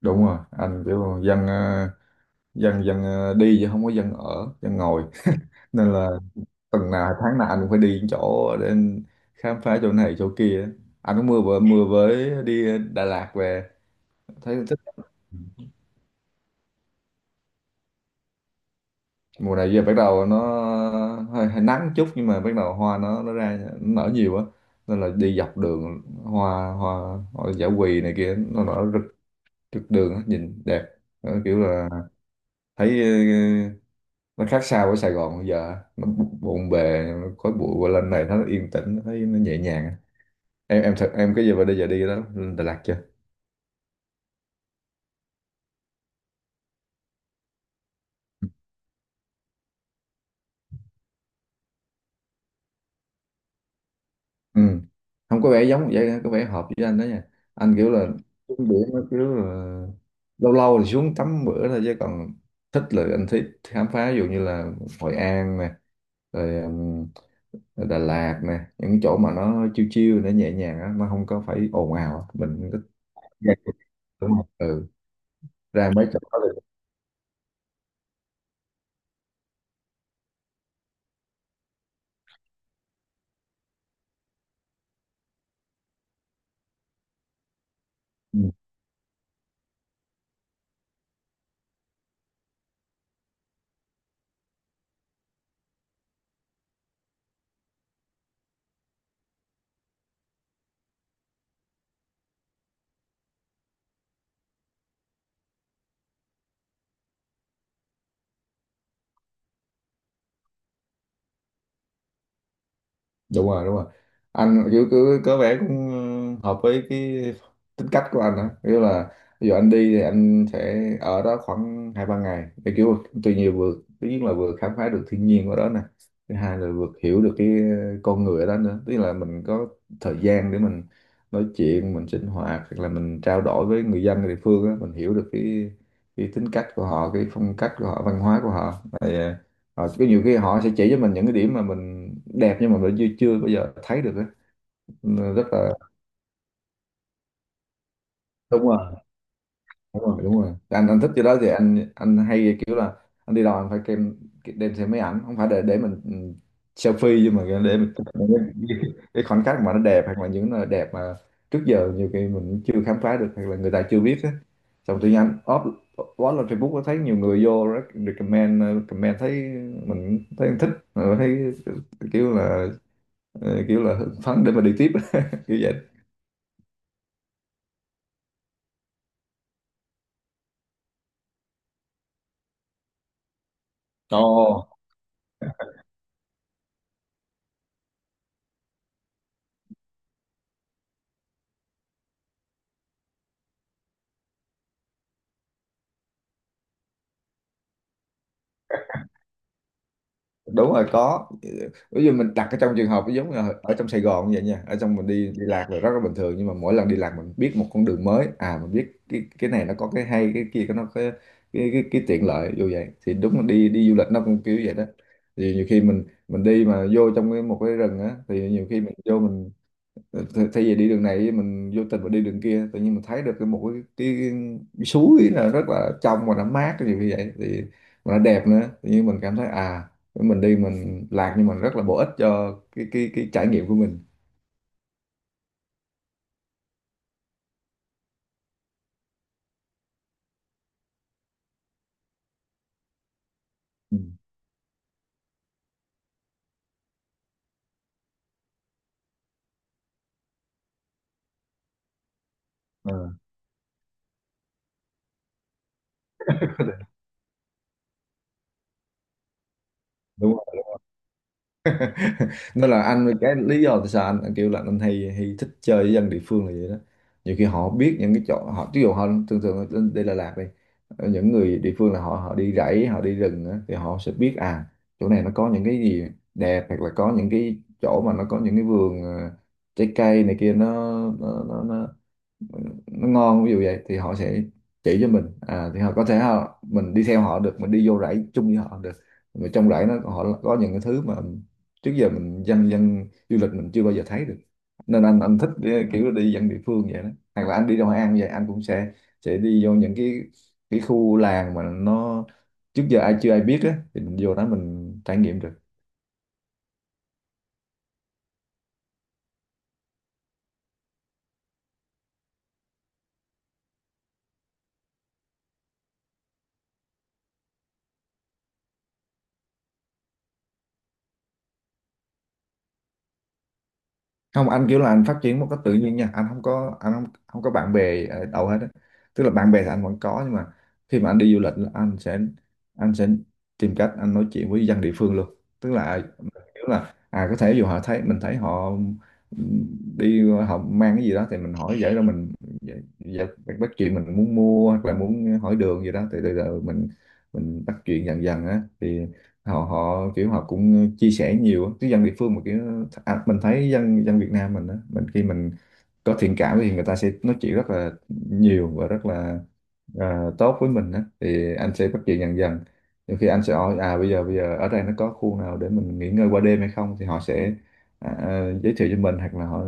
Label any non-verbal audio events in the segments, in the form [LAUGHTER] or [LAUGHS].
Đúng rồi, anh kiểu dân ờ, dân dân ờ, đi chứ không có dân ở dân ngồi. [LAUGHS] Nên là tuần nào tháng nào anh cũng phải đi những chỗ để khám phá chỗ này chỗ kia. Anh cũng mưa vừa mưa với đi Đà Lạt về, thấy thích. Mùa này giờ bắt đầu nó hơi nắng chút, nhưng mà bắt đầu hoa nó ra, nó nở nhiều á, nên là đi dọc đường hoa hoa, hoa dã quỳ này kia nó nở rực rực đường á, nhìn đẹp. Nó kiểu là thấy nó khác xa với Sài Gòn. Bây giờ nó bộn bề, nó khói bụi, qua lên này nó yên tĩnh, nó thấy nó nhẹ nhàng. Em thật em cái giờ bây giờ đi đó lên Đà Lạt chưa. Ừ. Không, có vẻ giống vậy, có vẻ hợp với anh đó nha. Anh kiểu là xuống biển nó kiểu là lâu lâu thì xuống tắm bữa thôi, chứ còn thích là anh thích khám phá, ví dụ như là Hội An nè, rồi, rồi Đà Lạt nè, những cái chỗ mà nó chill chill, nó nhẹ nhàng á, nó không có phải ồn ào á. Mình thích. Dạ, đúng không? Ừ, ra mấy chỗ đó được. Đúng rồi, đúng rồi, anh kiểu cứ có vẻ cũng hợp với cái tính cách của anh á, kiểu là ví dụ anh đi thì anh sẽ ở đó khoảng hai ba ngày để kiểu tuy nhiên vừa, thứ nhất là vừa khám phá được thiên nhiên ở đó nè, thứ hai là vừa hiểu được cái con người ở đó nữa, tức là mình có thời gian để mình nói chuyện, mình sinh hoạt, hoặc là mình trao đổi với người dân ở địa phương á, mình hiểu được cái tính cách của họ, cái phong cách của họ, văn hóa của họ. Ờ, cái nhiều khi họ sẽ chỉ cho mình những cái điểm mà mình đẹp nhưng mà mình chưa chưa bao giờ thấy được ấy. Nên rất là đúng rồi, đúng rồi, đúng rồi. Anh thích cái đó thì anh hay kiểu là anh đi đâu anh phải đem đem theo máy ảnh, không phải để mình selfie, nhưng mà để mình chụp những cái, cái khoảnh khắc mà nó đẹp, hoặc là những nơi đẹp mà trước giờ nhiều khi mình chưa khám phá được, hoặc là người ta chưa biết á. Xong tự nhiên anh up post lên Facebook, có thấy nhiều người vô recommend, comment, thấy mình thấy anh thích. Ờ, thấy kiểu là, ờ, kiểu là hưng phấn để mà đi tiếp [LAUGHS] kiểu vậy. Ồ, đúng rồi, có. Ví dụ mình đặt ở trong trường hợp giống như là ở trong Sài Gòn như vậy nha, ở trong mình đi đi lạc là rất là bình thường, nhưng mà mỗi lần đi lạc mình biết một con đường mới, à mình biết cái này nó có cái hay, cái kia nó có cái tiện lợi vô vậy. Thì đúng là đi đi du lịch nó cũng kiểu vậy đó. Thì nhiều khi mình đi mà vô trong cái một cái rừng á, thì nhiều khi mình vô mình, ờ, thay vì đi đường này mình vô tình mình đi đường kia, tự nhiên mình thấy được cái một cái suối là rất là trong và nó mát cái gì như vậy, thì mà nó đẹp nữa, tự nhiên mình cảm thấy à mình đi mình lạc nhưng mà rất là bổ ích cho cái trải nghiệm của mình. Ừ. Ờ. [LAUGHS] Đúng rồi. [LAUGHS] Nên là anh cái lý do tại sao anh kêu là anh hay hay thích chơi với dân địa phương là vậy đó. Nhiều khi họ biết những cái chỗ họ ví dụ họ thường thường ở đây là Đà Lạt đi, những người địa phương là họ họ đi rẫy, họ đi rừng á, thì họ sẽ biết à chỗ này nó có những cái gì đẹp, hoặc là có những cái chỗ mà nó có những cái vườn trái cây này kia, nó nó ngon ví dụ vậy, thì họ sẽ chỉ cho mình à, thì họ có thể họ mình đi theo họ được, mình đi vô rẫy chung với họ được, mà trong rẫy nó họ có những cái thứ mà trước giờ mình dân dân du lịch mình chưa bao giờ thấy được. Nên anh thích kiểu đi dân địa phương vậy đó. Hoặc là anh đi ra Hội An vậy anh cũng sẽ đi vô những cái khu làng mà nó trước giờ ai chưa ai biết á, thì mình vô đó mình trải nghiệm được. Không, anh kiểu là anh phát triển một cách tự nhiên nha, anh không có anh không không có bạn bè ở đâu hết á, tức là bạn bè thì anh vẫn có, nhưng mà khi mà anh đi du lịch là anh sẽ tìm cách anh nói chuyện với dân địa phương luôn, tức là kiểu là à có thể dù họ thấy mình thấy họ ừm, đi họ mang cái gì đó thì mình hỏi vậy rồi mình giải- giải- bắt chuyện, mình muốn mua hoặc là muốn hỏi đường gì đó, thì từ từ mình bắt chuyện dần dần á, thì họ họ kiểu họ cũng chia sẻ nhiều á. Chứ dân địa phương mà kiểu à, mình thấy dân dân Việt Nam mình á, mình khi mình có thiện cảm thì người ta sẽ nói chuyện rất là nhiều và rất là à, tốt với mình á, thì anh sẽ bắt chuyện dần dần. Nhiều khi anh sẽ hỏi à bây giờ ở đây nó có khu nào để mình nghỉ ngơi qua đêm hay không, thì họ sẽ giới thiệu cho mình, hoặc là họ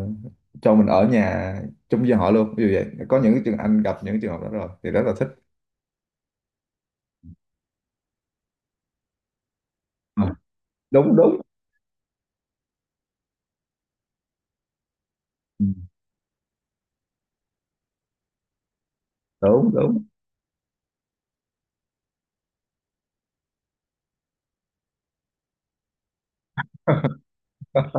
cho mình ở nhà chung với họ luôn, ví dụ vậy. Có những trường anh gặp những trường hợp đó rồi thì rất là thích. À. đúng đúng Ừ. đúng đúng [LAUGHS]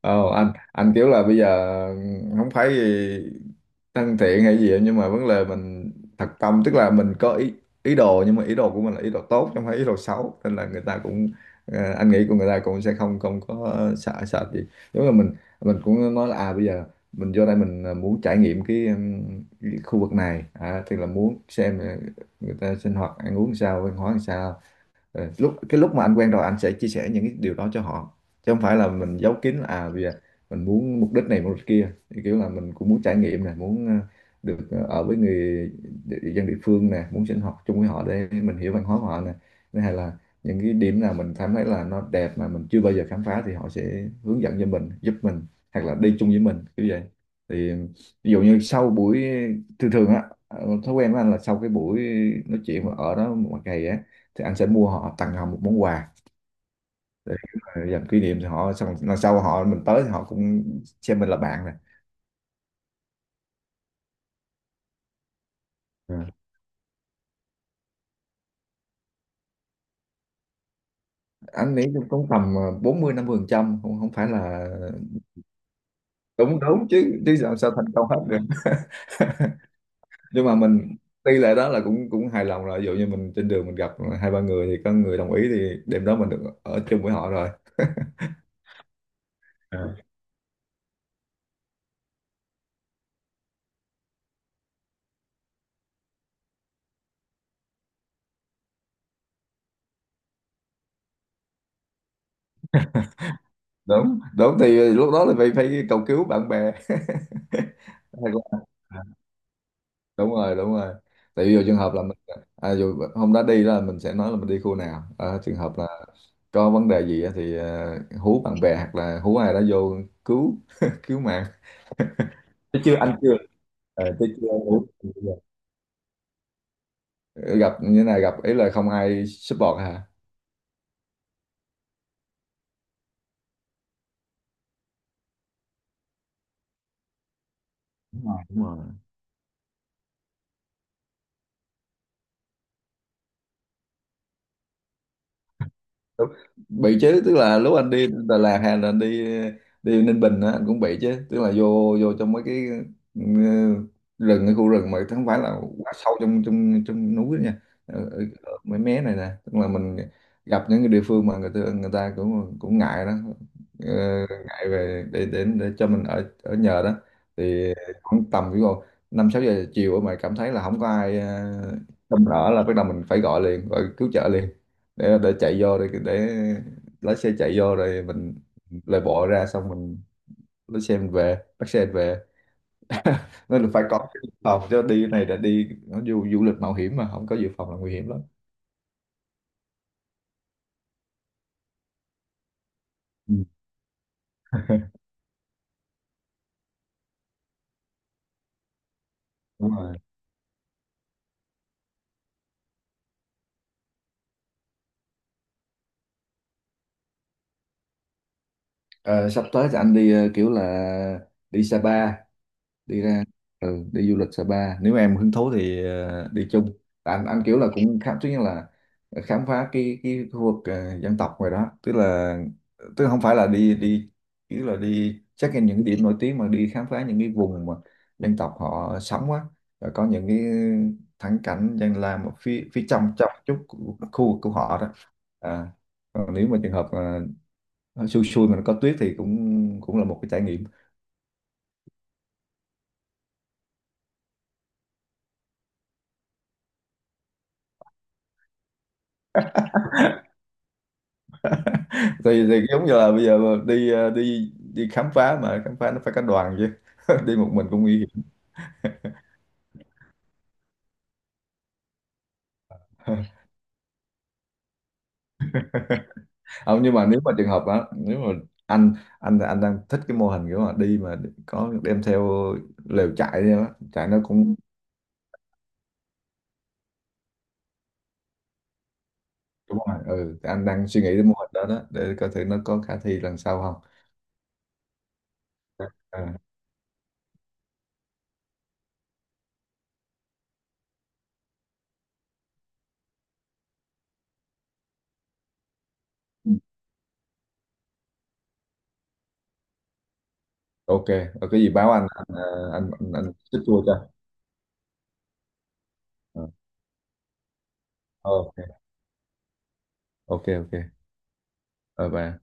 Ờ, anh kiểu là bây giờ không phải gì thân thiện hay gì, nhưng mà vấn đề mình thật tâm, tức là mình có ý ý đồ, nhưng mà ý đồ của mình là ý đồ tốt chứ không phải ý đồ xấu, nên là người ta cũng, ờ, anh nghĩ của người ta cũng sẽ không không có sợ sợ gì. Giống như mình cũng nói là à bây giờ mình vô đây mình muốn trải nghiệm cái khu vực này, à tức là muốn xem người ta sinh hoạt ăn uống sao, văn hóa làm sao. Ờ, lúc mà anh quen rồi anh sẽ chia sẻ những cái điều đó cho họ, chứ không phải là mình giấu kín là, à vì mình muốn mục đích này mục đích kia, thì kiểu là mình cũng muốn trải nghiệm nè, muốn được ở với người dân địa phương nè, muốn sinh hoạt chung với họ để mình hiểu văn hóa của họ nè, thứ hai là những cái điểm nào mình cảm thấy là nó đẹp mà mình chưa bao giờ khám phá thì họ sẽ hướng dẫn cho mình, giúp mình hoặc là đi chung với mình kiểu vậy. Thì ví dụ như sau buổi, thường thường á thói quen của anh là sau cái buổi nói chuyện mà ở đó một ngày á thì anh sẽ mua họ tặng họ một món quà để làm kỷ niệm, thì họ xong lần sau họ mình tới thì họ cũng xem mình là bạn này. Ừ. Anh nghĩ cũng tầm bốn mươi năm mươi phần trăm, không không phải là đúng đúng chứ chứ sao sao thành công hết được. [LAUGHS] Nhưng mà mình tỷ lệ đó là cũng cũng hài lòng rồi, ví dụ như mình trên đường mình gặp hai ba người thì có người đồng ý thì đêm đó mình được ở chung với họ rồi. À. đúng đúng thì lúc đó là phải phải cầu cứu bạn bè. [LAUGHS] Hay quá. Đúng rồi, đúng rồi, tại vì dù trường hợp là mình à, dù hôm đó đi là mình sẽ nói là mình đi khu nào, à trường hợp là có vấn đề gì á thì à, hú bạn bè hoặc là hú ai đó vô cứu [LAUGHS] cứu mạng. Chứ chưa, anh chưa, à, chứ chưa hú. Gặp như thế này gặp ý là không ai support hả. Đúng rồi, đúng rồi. Đúng. Bị chứ, tức là lúc anh đi Đà Lạt hay là anh đi đi Ninh Bình á anh cũng bị chứ, tức là vô vô trong mấy cái ừ, rừng, cái khu rừng mà không phải là quá sâu trong trong trong núi nha, ở ở mấy mé này nè, tức là mình gặp những cái địa phương mà người ta cũng cũng ngại đó. Ờ, ngại về để cho mình ở ở nhờ đó, thì khoảng tầm ví dụ năm sáu giờ chiều mà cảm thấy là không có ai chăm đỡ là bắt đầu mình phải gọi liền, gọi cứu trợ liền để chạy vô rồi để lái xe chạy vô rồi mình lại bỏ ra, xong mình lái xe mình về, bắt xe mình về. [LAUGHS] Nên là phải có cái dự phòng chứ đi cái này là đi nó du du lịch mạo hiểm mà không có dự phòng là nguy hiểm lắm. Ừ. [LAUGHS] Đúng rồi. Ờ, sắp tới thì anh đi kiểu là đi Sapa, đi ra, ừ, đi du lịch Sapa, nếu em hứng thú thì đi chung. Tại anh kiểu là cũng khám, thứ nhất là khám phá cái khu vực dân tộc ngoài đó, tức là không phải là đi đi kiểu là đi check in những điểm nổi tiếng mà đi khám phá những cái vùng mà dân tộc họ sống á, rồi có những cái thắng cảnh dân làm ở phía phía trong trong chút khu vực của họ đó. À, còn nếu mà trường hợp ờ, xui xui mà nó có tuyết thì cũng cũng là một cái trải nghiệm. Thì giống như là bây giờ đi đi đi khám phá mà khám phá nó phải cả đoàn chứ, [LAUGHS] đi một mình cũng nguy hiểm. [LAUGHS] Không, nhưng mà nếu mà trường hợp đó, nếu mà anh anh đang thích cái mô hình kiểu mà đi mà có đem theo lều trại đi đó, trại nó cũng. Ừ, đúng rồi, ừ thì anh đang suy nghĩ đến mô hình đó đó để coi thử nó có khả thi lần sau không. À, ừ, ok rồi, cái gì báo anh chích cho. Ờ, ok, ok, ok, bye bye.